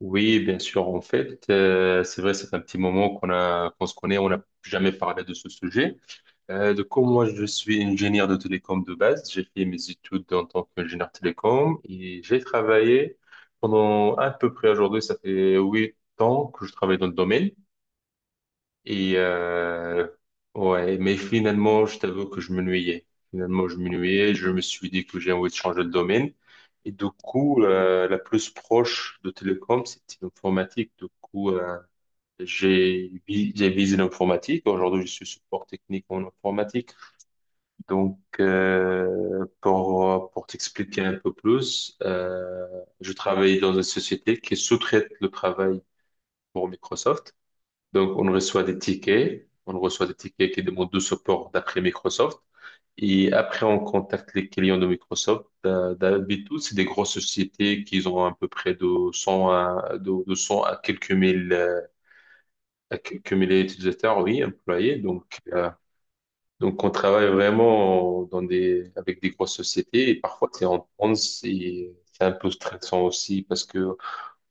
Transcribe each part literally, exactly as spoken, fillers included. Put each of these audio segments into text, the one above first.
Oui, bien sûr. En fait, euh, c'est vrai, c'est un petit moment qu'on a, qu'on se connaît, on n'a jamais parlé de ce sujet. Euh, donc, moi, je suis ingénieur de télécom de base. J'ai fait mes études en tant qu'ingénieur télécom et j'ai travaillé pendant à peu près aujourd'hui, ça fait huit ans que je travaille dans le domaine. Et euh, ouais, mais finalement, je t'avoue que je m'ennuyais. Finalement, je m'ennuyais. Je me suis dit que j'ai envie de changer de domaine. Et du coup, euh, la plus proche de télécom, c'était l'informatique. Du coup, euh, j'ai vi- j'ai visé l'informatique. Aujourd'hui, je suis support technique en informatique. Donc, euh, pour pour t'expliquer un peu plus, euh, je travaille dans une société qui sous-traite le travail pour Microsoft. Donc, on reçoit des tickets. On reçoit des tickets qui demandent du support d'après Microsoft. Et après, on contacte les clients de Microsoft. D'ha- D'habitude, c'est des grosses sociétés qui ont à peu près de cent à, de, de cent à quelques mille, euh, à quelques milliers d'utilisateurs, oui, employés. Donc, euh, donc, on travaille vraiment dans des, avec des grosses sociétés. Et parfois, c'est en France et c'est un peu stressant aussi parce que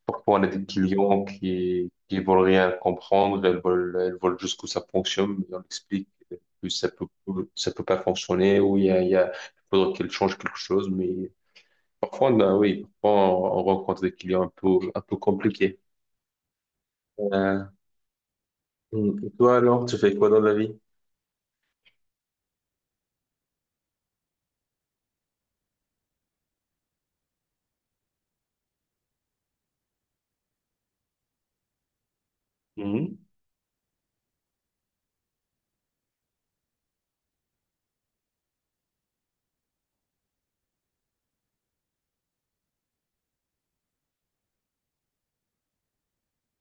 parfois, on a des clients qui qui veulent rien comprendre, elles veulent, elles veulent juste que ça fonctionne, mais on explique que ça peut, ça peut pas fonctionner, ou il y a, il y a, il faudrait qu'elles changent quelque chose, mais parfois, on a- oui, parfois, on, on rencontre des clients un peu, un peu compliqués. Euh, et toi, alors, tu fais quoi dans la vie? Mhm.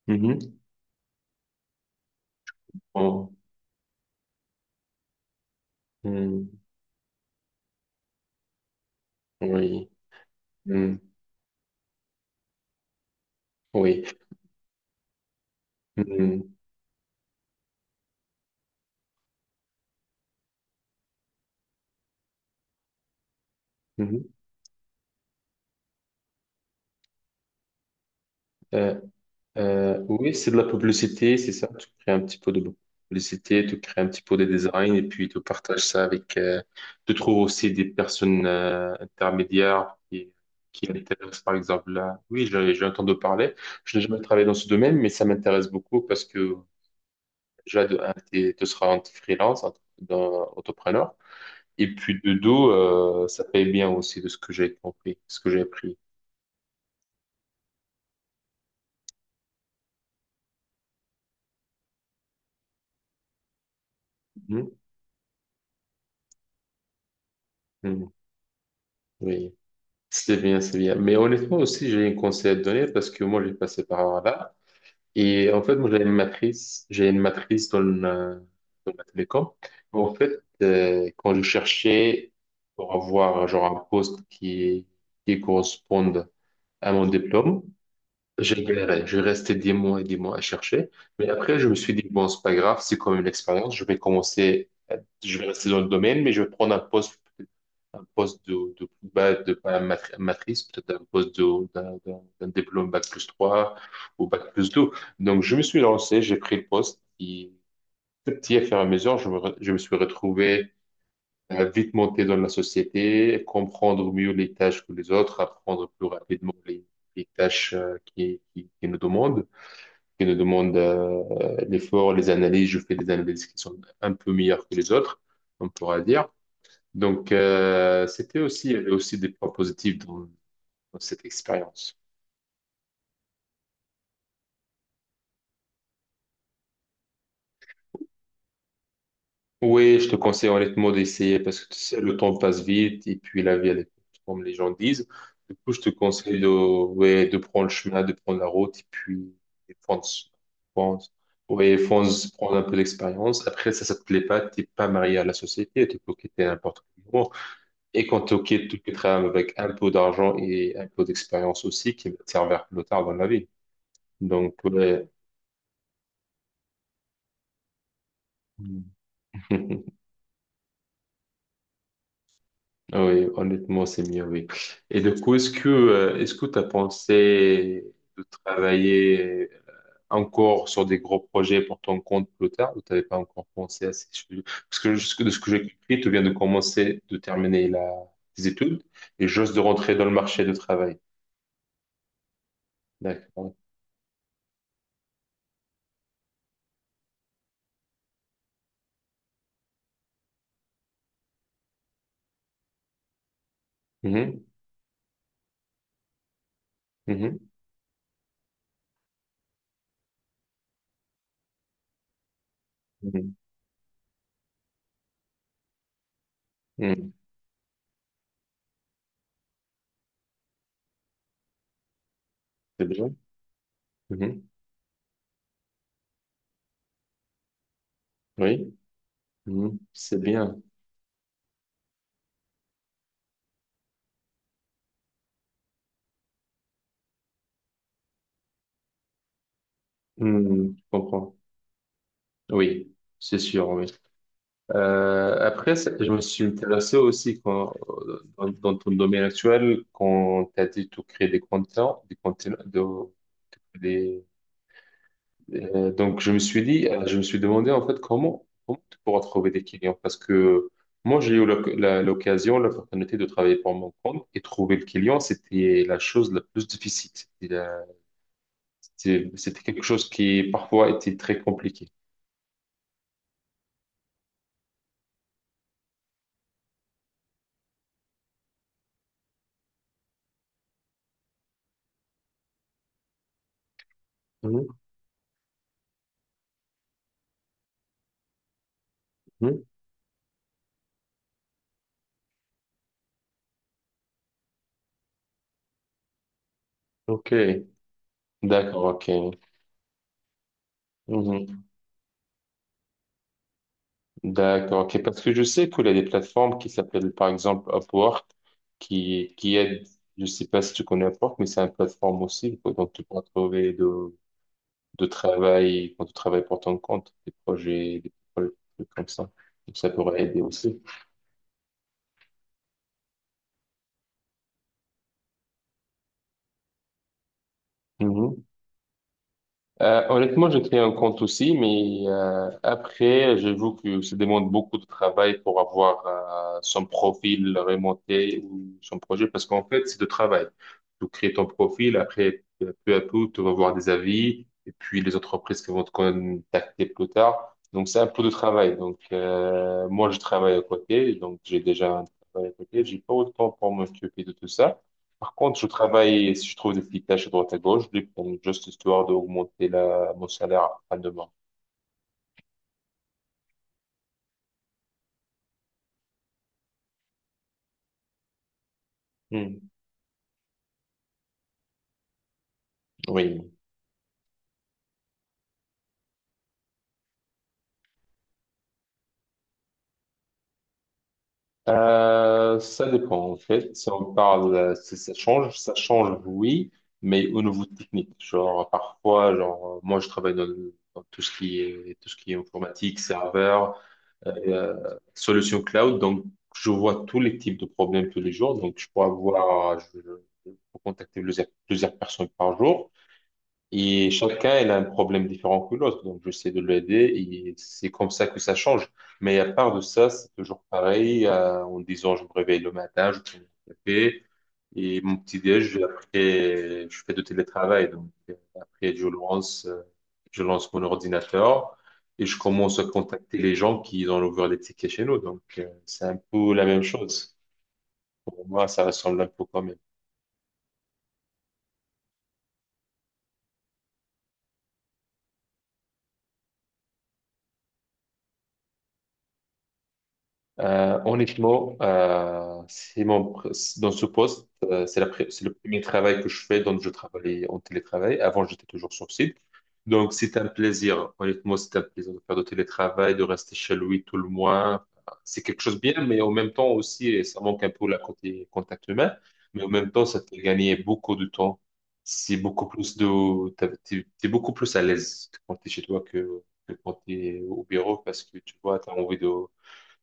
Mhm. Oh. Mhm. Oui. Mhm. Oui. Mhm. Mhm. Euh, Euh, oui, c'est de la publicité, c'est ça. Tu crées un petit peu de publicité, tu crées un petit peu de design et puis tu partages ça avec. Euh, tu trouves aussi des personnes euh, intermédiaires qui, qui intéressent, par exemple, là. Oui, j'ai j'ai entendu parler. Je n'ai jamais travaillé dans ce domaine, mais ça m'intéresse beaucoup parce que déjà, de un, t'es- tu seras en freelance, en- dans, entrepreneur. Et puis de deux, euh, ça paye bien aussi de ce que j'ai compris, ce que j'ai appris. Mhm. Mhm. Oui. C'est bien, c'est bien. Mais honnêtement aussi, j'ai un conseil à te donner parce que moi, j'ai passé par là. Et en fait, moi, j'ai une matrice, j'ai une matrice dans la, dans la télécom. En fait, euh, quand je cherchais pour avoir genre un poste qui, qui corresponde à mon diplôme, j'ai galéré, je restais des mois et des mois à chercher. Mais après, je me suis dit, bon, c'est pas grave, c'est quand même une expérience. Je vais commencer, à- je vais rester dans le domaine, mais je vais prendre un poste, un poste de, de plus bas, de pas matri- matrice, peut-être un poste de- d'un d'un- d'un diplôme bac plus trois ou bac plus deux. Donc, je me suis lancé, j'ai pris le poste. Et petit à petit, à fur et à mesure, je me, re- je me suis retrouvé à vite monter dans la société, comprendre mieux les tâches que les autres, apprendre plus rapidement les, les tâches euh, qui, qui, qui nous demandent, qui nous demandent euh, l'effort, les analyses. Je fais des analyses qui sont un peu meilleures que les autres, on pourra dire. Donc, euh, c'était aussi, il y avait aussi des points positifs dans, dans cette expérience. Oui, je te conseille honnêtement d'essayer parce que tu sais, le temps passe vite et puis la vie, elle est courte, comme les gens disent. Du coup, je te conseille de, ouais, de prendre le chemin, de prendre la route et puis et fonce. Fonce. Ouais, fonce, prendre un peu d'expérience. Après, ça, ça te plaît pas, t'es pas marié à la société, tu peux quitter à n'importe quel moment. Et quand tu quittes, tu quitteras avec un peu d'argent et un peu d'expérience aussi qui va te servir plus tard dans la vie. Donc, ouais. Ah oui, honnêtement, c'est mieux, oui. Et du coup, est-ce que, euh, est-ce que tu as pensé de travailler euh, encore sur des gros projets pour ton compte plus tard ou tu n'avais pas encore pensé à ces choses? Parce que jusque- de ce que j'ai compris, tu viens de commencer, de terminer la, tes études et juste de rentrer dans le marché du travail. D'accord. Mhm, mhm, mhm, mhm. C'est bien. Mhm, oui, mhm, c'est bien. Mhm, je comprends. Oui, c'est sûr, oui. Euh, après, ça- je me suis intéressé aussi quand, euh, dans, dans ton domaine actuel, quand tu as dit tout créer des contenants, des contenants, de- des, euh, donc je me suis dit, euh, je me suis demandé en fait comment, comment tu pourras trouver des clients parce que moi j'ai eu l'oc- la- l'occasion, l'opportunité de travailler pour mon compte et trouver le client, c'était la chose la plus difficile. C'était la- c'était C'était quelque chose qui parfois était très compliqué. Mhm, mhm. Ok, d'accord, ok. Mhm. D'accord, ok. Parce que je sais qu'il y a des plateformes qui s'appellent par exemple Upwork qui, qui aident, je sais pas si tu connais Upwork, mais c'est une plateforme aussi. Quoi. Donc tu pourras trouver de, de travail quand tu travailles pour ton compte, des projets, des projets des trucs comme ça. Donc ça pourrait aider aussi. Mhm. Euh, honnêtement, j'ai créé un compte aussi, mais euh, après, j'avoue que ça demande beaucoup de travail pour avoir euh, son profil remonté ou son projet, parce qu'en fait, c'est de travail. Tu crées ton profil, après, peu à peu, tu vas voir des avis, et puis les entreprises qui vont te contacter plus tard. Donc, c'est un peu de travail. Donc, euh, moi, je travaille à côté, donc j'ai déjà un travail à côté. J'ai pas autant pour m'occuper de tout ça. Par contre, je travaille, si je trouve des petites tâches à droite à gauche, je les prends juste histoire d'augmenter la, mon salaire à demain. Hmm, oui. Euh, ça dépend, en fait. Si on parle, euh, Si ça change, ça change, oui, mais au niveau technique. Genre, parfois, genre, euh, moi, je travaille dans, dans tout ce qui est, tout ce qui est informatique, serveur, euh, solution cloud. Donc, je vois tous les types de problèmes tous les jours. Donc, je peux avoir, je, je peux contacter plusieurs, plusieurs personnes par jour. Et chacun, il a un problème différent que l'autre. Donc, j'essaie de l'aider et c'est comme ça que ça change. Mais à part de ça, c'est toujours pareil. Euh, en disant, je me réveille le matin, je prends mon café et mon petit-déj, après, je fais du télétravail. Donc, euh, après, je lance, euh, je lance mon ordinateur et je commence à contacter les gens qui ont ouvert des tickets chez nous. Donc, euh, c'est un peu la même chose. Pour moi, ça ressemble un peu quand même. Euh, honnêtement, euh, c'est mon, pr- dans ce poste, euh, c'est la pr- c'est le premier travail que je fais. Donc, je travaillais en télétravail. Avant, j'étais toujours sur site. Donc, c'est un plaisir. Honnêtement, c'est un plaisir de faire du télétravail, de rester chez lui tout le mois. C'est quelque chose de bien, mais en même temps aussi, et ça manque un peu la côté contact humain. Mais en même temps, ça te fait gagner beaucoup de temps. C'est beaucoup plus de, T'as- t'es, t'es beaucoup plus à l'aise quand t'es chez toi que, que quand t'es au bureau parce que tu vois, t'as envie de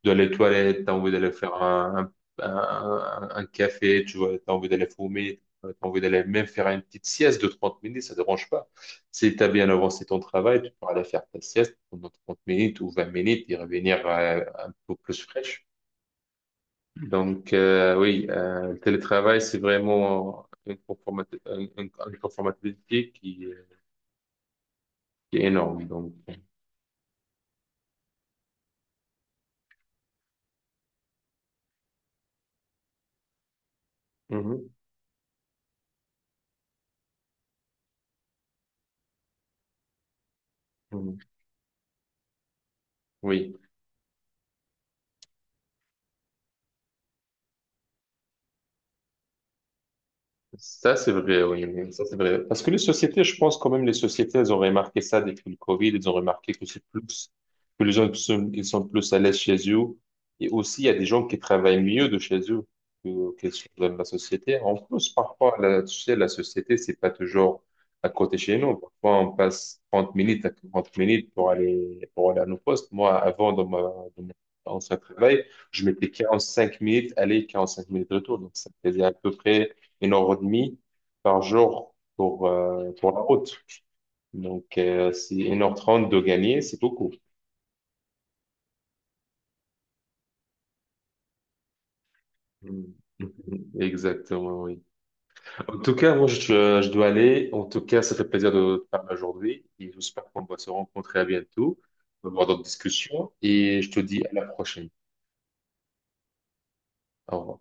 d'aller les toilettes, t'as envie d'aller faire un, un, un- un café, tu vois, t'as envie d'aller fumer, t'as envie d'aller même faire une petite sieste de trente minutes, ça ne dérange pas. Si t'as bien avancé ton travail, tu pourras aller faire ta sieste pendant trente minutes ou vingt minutes et revenir euh, un peu plus fraîche. Donc, euh, oui, euh, le télétravail, c'est vraiment une conformati- un- un- une conformabilité qui, est- qui est énorme. Donc, mhm, mhm. Oui. Ça, c'est vrai, oui, oui, ça, c'est vrai. Parce que les sociétés, je pense quand même, les sociétés, elles ont remarqué ça depuis le Covid, elles ont remarqué que c'est plus, que les gens sont, ils sont plus à l'aise chez eux. Et aussi, il y a des gens qui travaillent mieux de chez eux que, que sur la la société. En plus, parfois, la, tu sais, la société, c'est pas toujours à côté chez nous. Parfois, on passe trente minutes à quarante minutes pour aller, pour aller à nos postes. Moi, avant, dans ma, dans mon ancien travail, je mettais quarante cinq minutes aller, quarante cinq minutes retour. Donc, ça faisait à peu près une heure et demie par jour pour, euh, pour la route. Donc, euh, c'est une heure trente de gagner, c'est beaucoup. Mm. Exactement, oui. En tout cas, moi, je, je dois aller. En tout cas, ça fait plaisir de te parler aujourd'hui et j'espère qu'on va se rencontrer à bientôt, on va avoir d'autres discussions et je te dis à la prochaine. Au revoir.